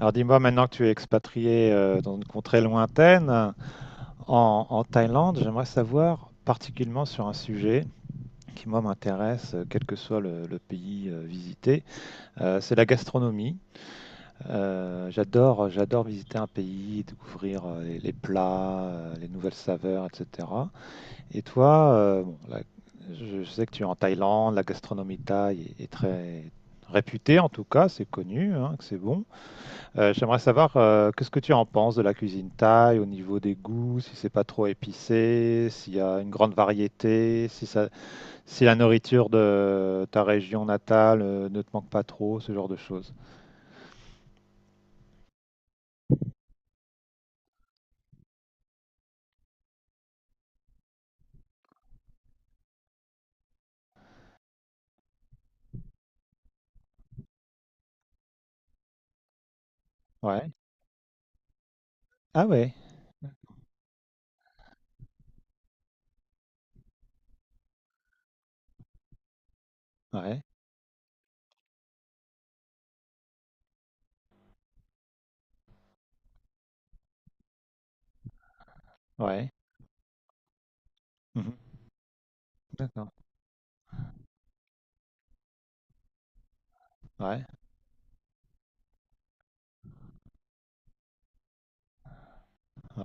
Alors dis-moi, maintenant que tu es expatrié, dans une contrée lointaine, en Thaïlande. J'aimerais savoir particulièrement sur un sujet qui, moi, m'intéresse, quel que soit le, pays visité, c'est la gastronomie. J'adore visiter un pays, découvrir les plats, les nouvelles saveurs, etc. Et toi, bon, je sais que tu es en Thaïlande, la gastronomie thaï est très réputée. En tout cas, c'est connu, hein, que c'est bon. J'aimerais savoir, qu'est-ce que tu en penses de la cuisine thaï au niveau des goûts, si c'est pas trop épicé, s'il y a une grande variété, si la nourriture de ta région natale ne te manque pas trop, ce genre de choses. Ouais. Ah ouais. Ouais. Ouais. Mhm. D'accord. Ouais. Ouais.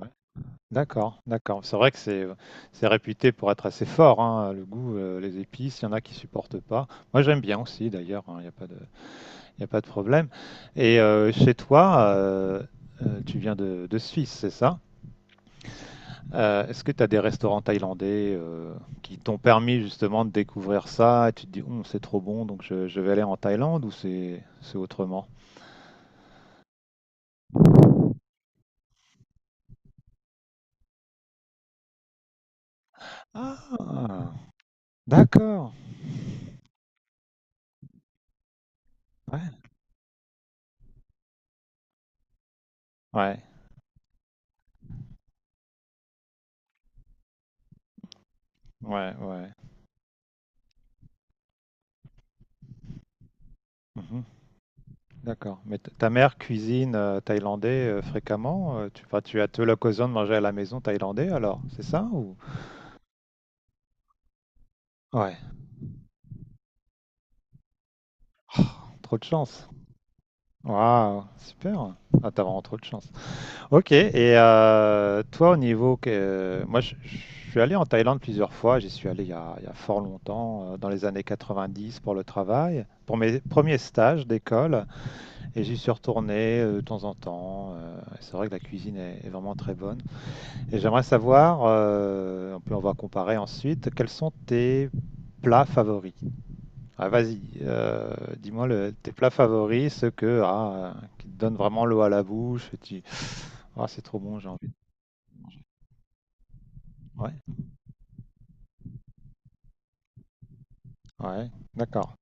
D'accord. D'accord. C'est vrai que c'est réputé pour être assez fort, hein, le goût, les épices. Il y en a qui supportent pas. Moi, j'aime bien aussi, d'ailleurs, hein. Il n'y a pas de problème. Et chez toi, tu viens de Suisse, c'est ça? Est-ce que tu as des restaurants thaïlandais qui t'ont permis justement de découvrir ça, et tu te dis, c'est trop bon, donc je vais aller en Thaïlande, ou c'est autrement? Ah, d'accord. Ouais, ouais, ouais, ouais. Mhm. D'accord. Mais ta mère cuisine thaïlandais fréquemment? Enfin, tu as l'occasion de manger à la maison thaïlandais alors, c'est ça, ou? Ouais, trop de chance. Waouh, super. Ah, t'as vraiment trop de chance. Ok, et toi, au niveau que moi, je suis allé en Thaïlande plusieurs fois. J'y suis allé, il y a fort longtemps, dans les années 90, pour le travail, pour mes premiers stages d'école, et j'y suis retourné de temps en temps. Et c'est vrai que la cuisine est vraiment très bonne. Et j'aimerais savoir, puis on va comparer ensuite, quels sont tes plats favoris? Ah, vas-y, dis-moi tes plats favoris, ceux ah, qui te donnent vraiment l'eau à la bouche, et tu... Ah, c'est trop bon, j'ai envie. Ouais, ouais, d'accord.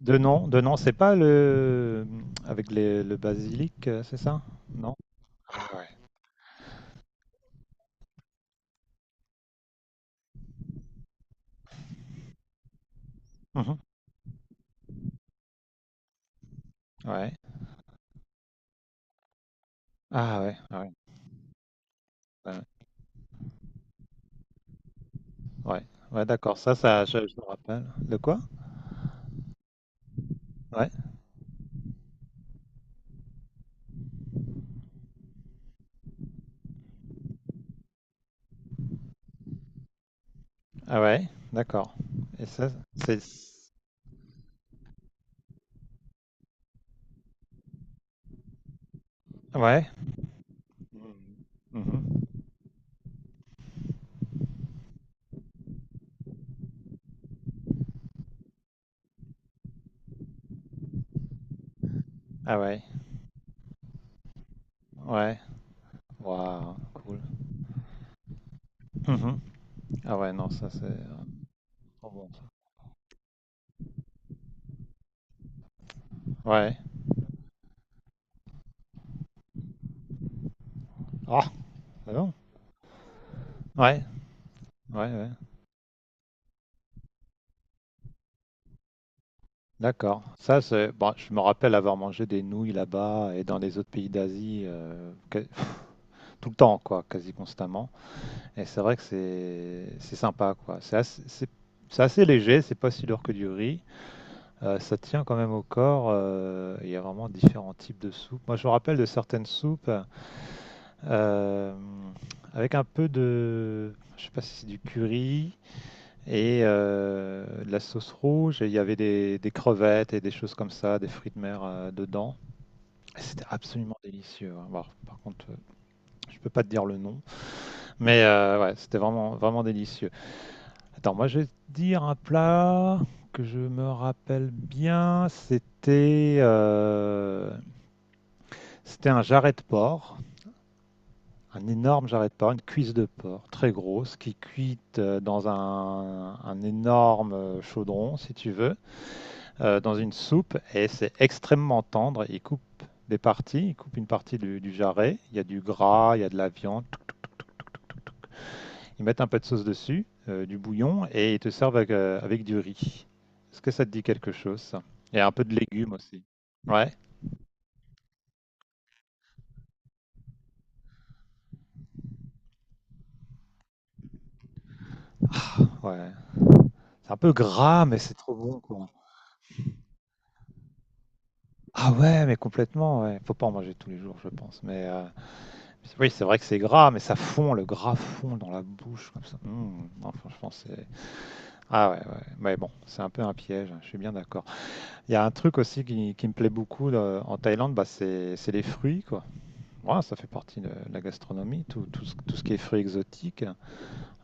De nom, c'est pas le avec le basilic, c'est ça? Non? Ah ouais. Mhm. Ouais. Ah ouais, ah ouais, ouais, ouais, ouais, d'accord. Ça, je me rappelle. De quoi? Ouais. Ah ouais, d'accord. Et ça, c'est, ouais. Mhm. Mhm. Ah ouais, ouais. Waouh, cool. Mhm. Ah ouais, non, ça, c'est trop bon, ça. Ouais. Ah, c'est bon. Ouais, ouais, ouais. D'accord. Ça, c'est. Bon, je me rappelle avoir mangé des nouilles là-bas et dans les autres pays d'Asie, tout le temps, quoi, quasi constamment. Et c'est vrai que c'est sympa, quoi. C'est assez léger, c'est pas si lourd que du riz. Ça tient quand même au corps. Il y a vraiment différents types de soupes. Moi, je me rappelle de certaines soupes euh, avec un peu de. Je sais pas si c'est du curry. Et de la sauce rouge, et il y avait des crevettes et des choses comme ça, des fruits de mer dedans. Et c'était absolument délicieux, hein. Bon, par contre, je peux pas te dire le nom, mais ouais, c'était vraiment, vraiment délicieux. Attends, moi je vais te dire un plat que je me rappelle bien. C'était un jarret de porc, un énorme jarret de porc, une cuisse de porc très grosse, qui cuite dans un énorme chaudron, si tu veux, dans une soupe, et c'est extrêmement tendre. Ils coupent des parties, ils coupent une partie du jarret, il y a du gras, il y a de la viande, ils mettent un peu de sauce dessus, du bouillon, et ils te servent avec du riz. Est-ce que ça te dit quelque chose, ça? Et un peu de légumes aussi. Ouais. Ah, ouais. C'est un peu gras, mais c'est trop bon, quoi. Ah ouais, mais complètement, ouais. Faut pas en manger tous les jours, je pense. Mais oui, c'est vrai que c'est gras, mais ça fond, le gras fond dans la bouche, comme ça. Mmh. Non, franchement, c'est Ah ouais, ouais, ouais. Mais bon, c'est un peu un piège, hein, je suis bien d'accord. Il y a un truc aussi qui me plaît beaucoup là, en Thaïlande, bah, c'est les fruits, quoi. Ouais, ça fait partie de la gastronomie, tout ce qui est fruits exotiques, hein.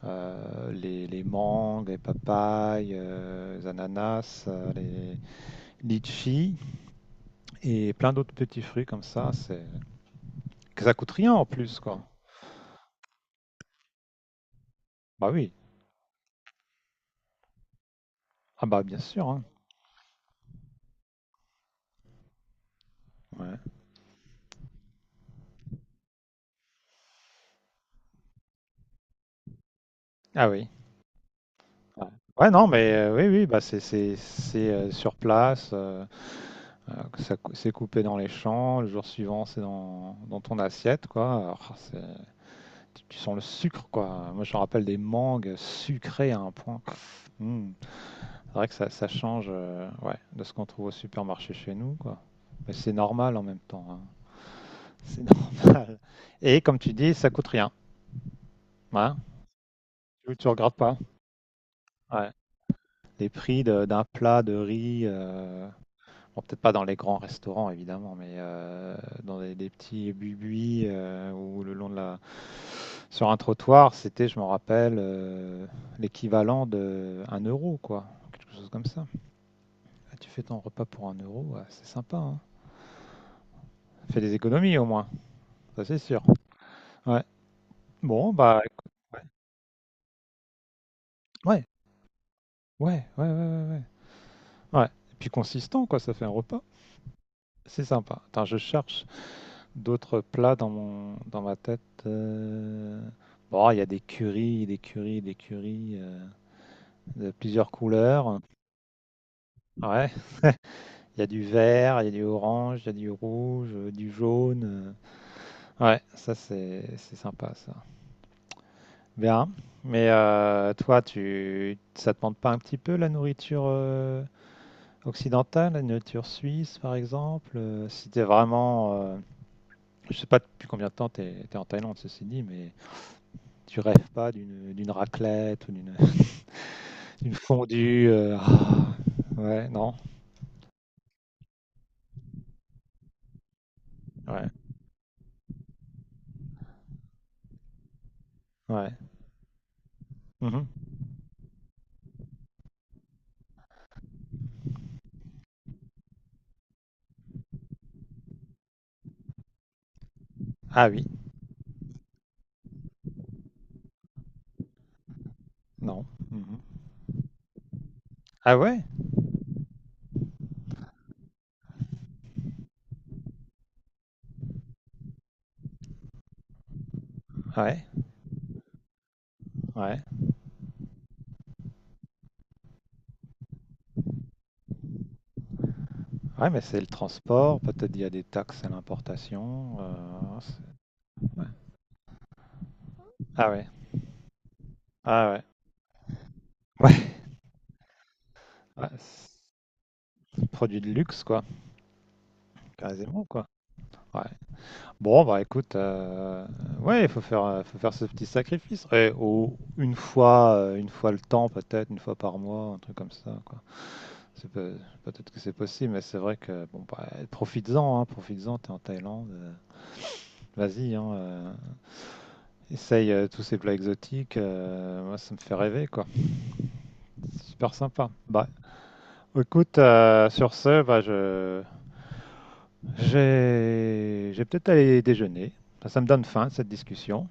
Les mangues, les papayes, les ananas, les litchis, et plein d'autres petits fruits comme ça. C'est que ça coûte rien, en plus, quoi. Bah oui, ah bah bien sûr, hein. Ouais. Ah oui. Ouais, ouais, non, mais oui, oui, bah c'est sur place. C'est coupé dans les champs, le jour suivant c'est dans ton assiette, quoi. Alors, tu sens le sucre, quoi. Moi, je me rappelle des mangues sucrées à un point. Hmm. C'est vrai que ça change, ouais, de ce qu'on trouve au supermarché chez nous, quoi. Mais c'est normal en même temps, hein. C'est normal. Et comme tu dis, ça coûte rien. Hein. Tu regardes pas. Ouais. Les prix d'un plat de riz, bon, peut-être pas dans les grands restaurants, évidemment, mais dans des petits buis ou le long de la... Sur un trottoir, c'était, je m'en rappelle, l'équivalent de 1 euro, quoi. Quelque chose comme ça. Ah, tu fais ton repas pour 1 euro, ouais, c'est sympa, hein. Fais des économies, au moins. Ça, c'est sûr. Ouais. Bon, bah, écoute, ouais. Ouais, ouais, ouais, ouais, ouais. Ouais. Ouais. Et puis consistant, quoi, ça fait un repas. C'est sympa. Attends, je cherche... D'autres plats dans mon dans ma tête. Bon, il y a des currys, des currys, des currys, de plusieurs couleurs. Ouais, il y a du vert, il y a du orange, il y a du rouge, du jaune. Ouais, ça, c'est sympa, ça. Bien. Mais toi, tu ça te manque pas un petit peu, la nourriture occidentale, la nourriture suisse par exemple? Si t'es vraiment, je sais pas depuis combien de temps t'es en Thaïlande, ceci dit, mais tu rêves pas d'une raclette ou d'une d'une fondue. Ah, ouais, non. Ouais, ouais. Mhm. Ah oui, non. Mhm. Ah ouais, ouais, ouais. Ouais, mais c'est le transport. Peut-être il y a des taxes à l'importation. Ouais. Ah ouais, ah ouais. Ouais, ouais, c'est produit de luxe, quoi. Quasiment, quoi. Ouais. Bon, bah écoute, ouais, faut faire ce petit sacrifice. Et une fois le temps, peut-être, une fois par mois, un truc comme ça, quoi. C'est peut-être que c'est possible, mais c'est vrai que bon, bah, profites-en, hein, profites-en, t'es en Thaïlande, vas-y, hein, essaye tous ces plats exotiques, moi ça me fait rêver, quoi. C'est super sympa. Bah, écoute, sur ce, bah, j'ai peut-être aller déjeuner, ça me donne faim, cette discussion.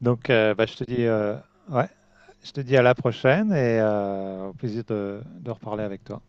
Donc, bah, ouais, je te dis à la prochaine, et au plaisir de reparler avec toi.